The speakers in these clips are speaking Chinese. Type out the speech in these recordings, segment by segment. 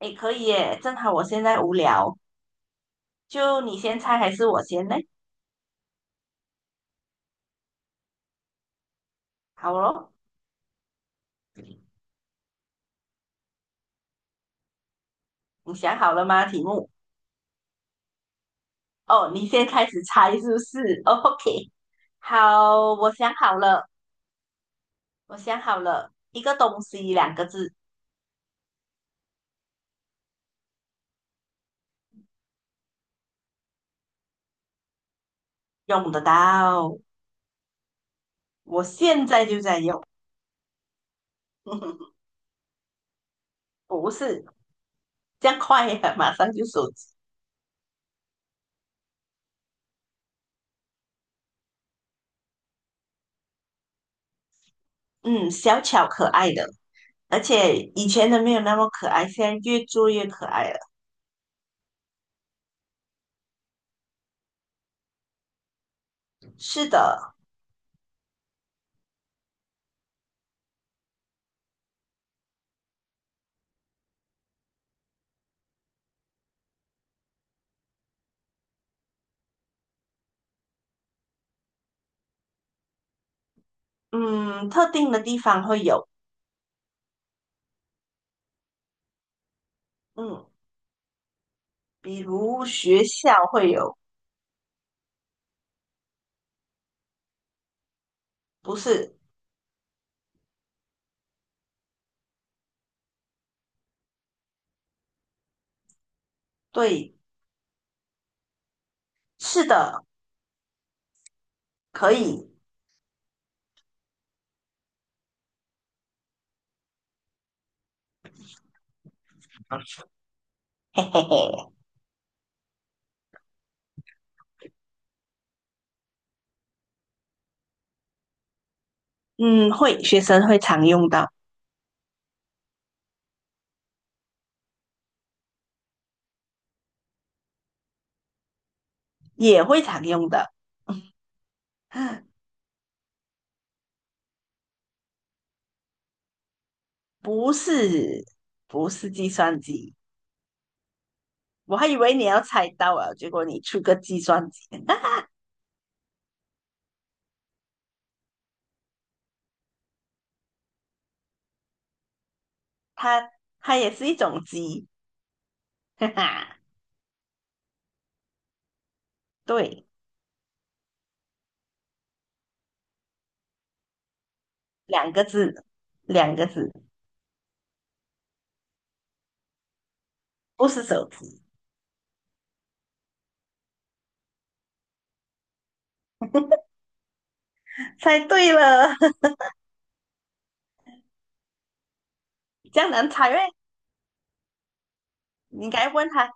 哎，可以耶，正好我现在无聊，就你先猜还是我先呢？好咯，你想好了吗？题目？哦，你先开始猜是不是哦 ？OK，好，我想好了，我想好了，一个东西两个字，用得到，我现在就在用，不是这样快呀，马上就手机，嗯，小巧可爱的，而且以前的没有那么可爱，现在越做越可爱了。是的，嗯，特定的地方会有。嗯，比如学校会有，不是，对，是的，可以，嘿嘿嘿，嗯，会，学生会常用到，也会常用的，不是，不是计算机，我还以为你要猜到了，结果你出个计算机，它它也是一种机，哈哈，对，两个字，两个字，不是手机，猜对了，这样难猜 咩？你应该问他，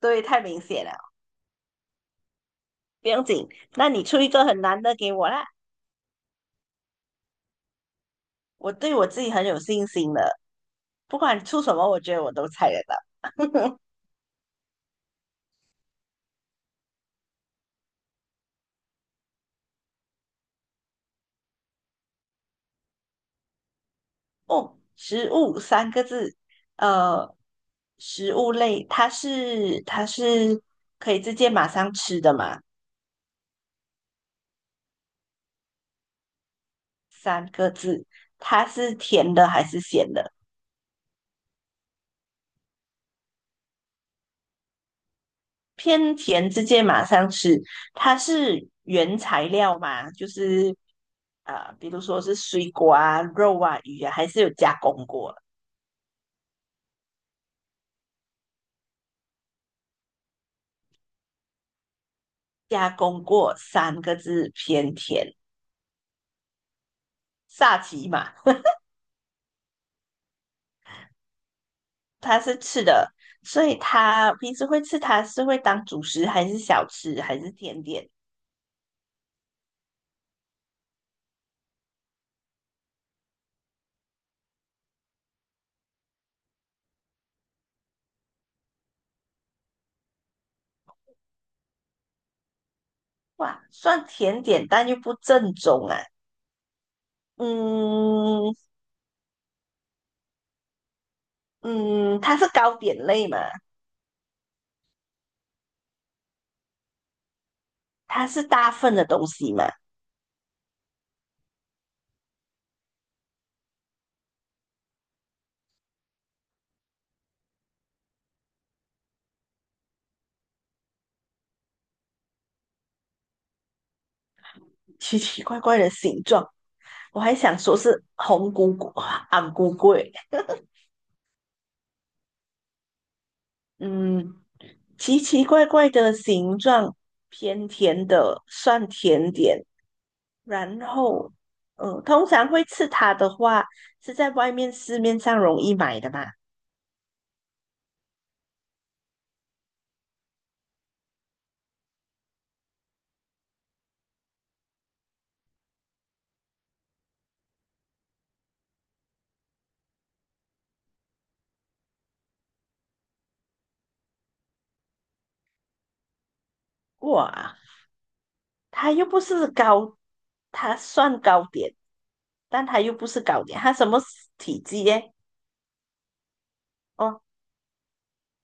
对，太明显了。不用紧，那你出一个很难的给我啦，我对我自己很有信心的，不管出什么，我觉得我都猜得到。哦，食物三个字，呃，食物类，它是可以直接马上吃的嘛？三个字，它是甜的还是咸的？偏甜，直接马上吃。它是原材料嘛？就是啊、比如说是水果啊、肉啊、鱼啊，还是有加工过？加工过三个字偏甜，萨琪玛它是吃的，所以它平时会吃它是会当主食还是小吃还是甜点？哇，算甜点但又不正宗啊。嗯嗯，它是糕点类嘛，它是大份的东西嘛，奇奇怪怪的形状。我还想说是红菇菇、昂菇菇欸，嗯，奇奇怪怪的形状，偏甜的，算甜点，然后，通常会吃它的话，是在外面市面上容易买的嘛。哇，它又不是糕，它算糕点，但它又不是糕点，它什么体积耶？哦，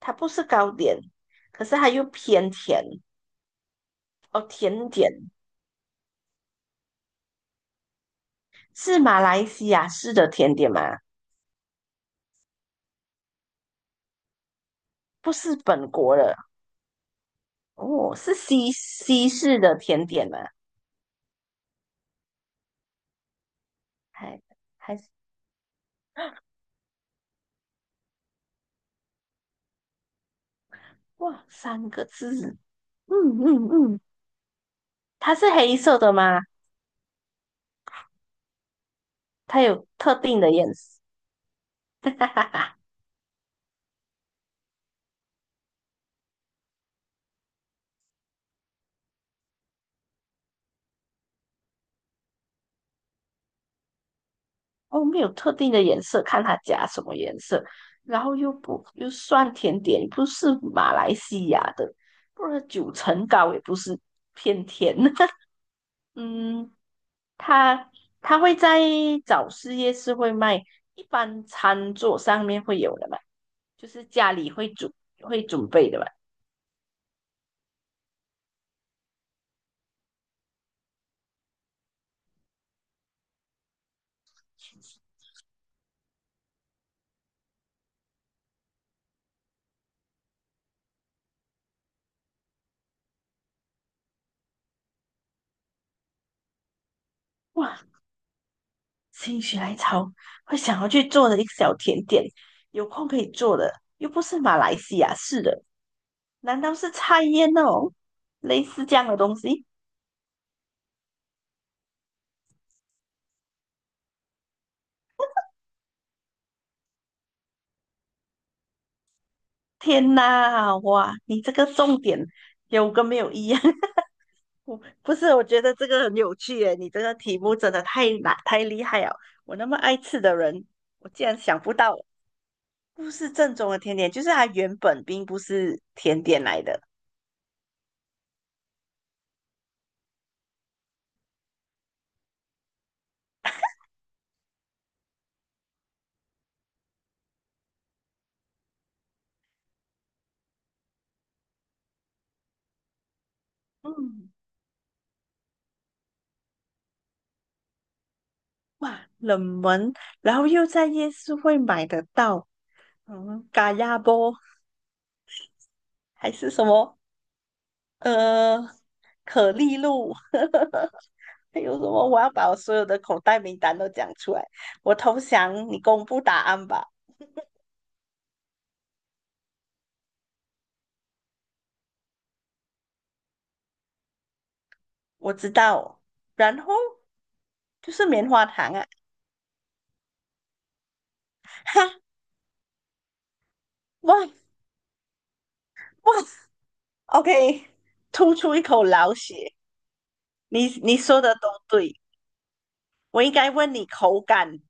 它不是糕点，可是它又偏甜哦，甜点是马来西亚式的甜点吗？不是本国的哦，是西西式的甜点吗？还还哇，三个字，嗯嗯嗯。它是黑色的吗？它有特定的颜色？哦，没有特定的颜色，看它加什么颜色。然后又不又算甜点，不是马来西亚的，不然九层糕也不是偏甜。嗯，它它会在早市夜市会卖，一般餐桌上面会有的嘛，就是家里会准备的嘛。哇，心血来潮会想要去做的一个小甜点，有空可以做的，又不是马来西亚是的，难道是菜叶那种类似这样的东西？天呐，哇，你这个重点有跟没有一样？我不是，我觉得这个很有趣耶，你这个题目真的太难太厉害了。我那么爱吃的人，我竟然想不到不是正宗的甜点，就是它原本并不是甜点来的。嗯，哇，冷门，然后又在夜市会买得到，嗯，嘎亚波还是什么，呃，可丽露，还有什么？我要把我所有的口袋名单都讲出来。我投降，你公布答案吧。我知道，然后就是棉花糖啊，哈，哇哇，OK，吐出一口老血。你说的都对，我应该问你口感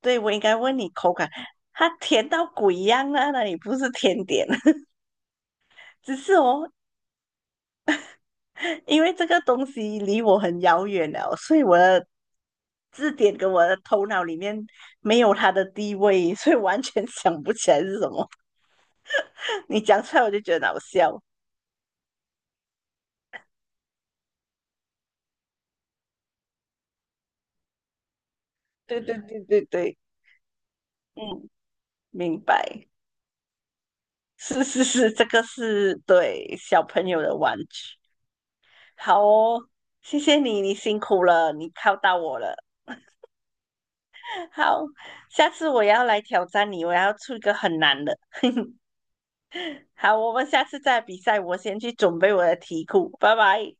对，我应该问你口感，它甜到鬼一样啊！那里不是甜点，只是哦，因为这个东西离我很遥远了，所以我的字典跟我的头脑里面没有它的地位，所以完全想不起来是什么。你讲出来我就觉得好笑。对对对对对，嗯，明白，是是是，这个是对小朋友的玩具。好哦，谢谢你，你辛苦了，你靠到我了。好，下次我要来挑战你，我要出一个很难的。好，我们下次再比赛，我先去准备我的题库，拜拜。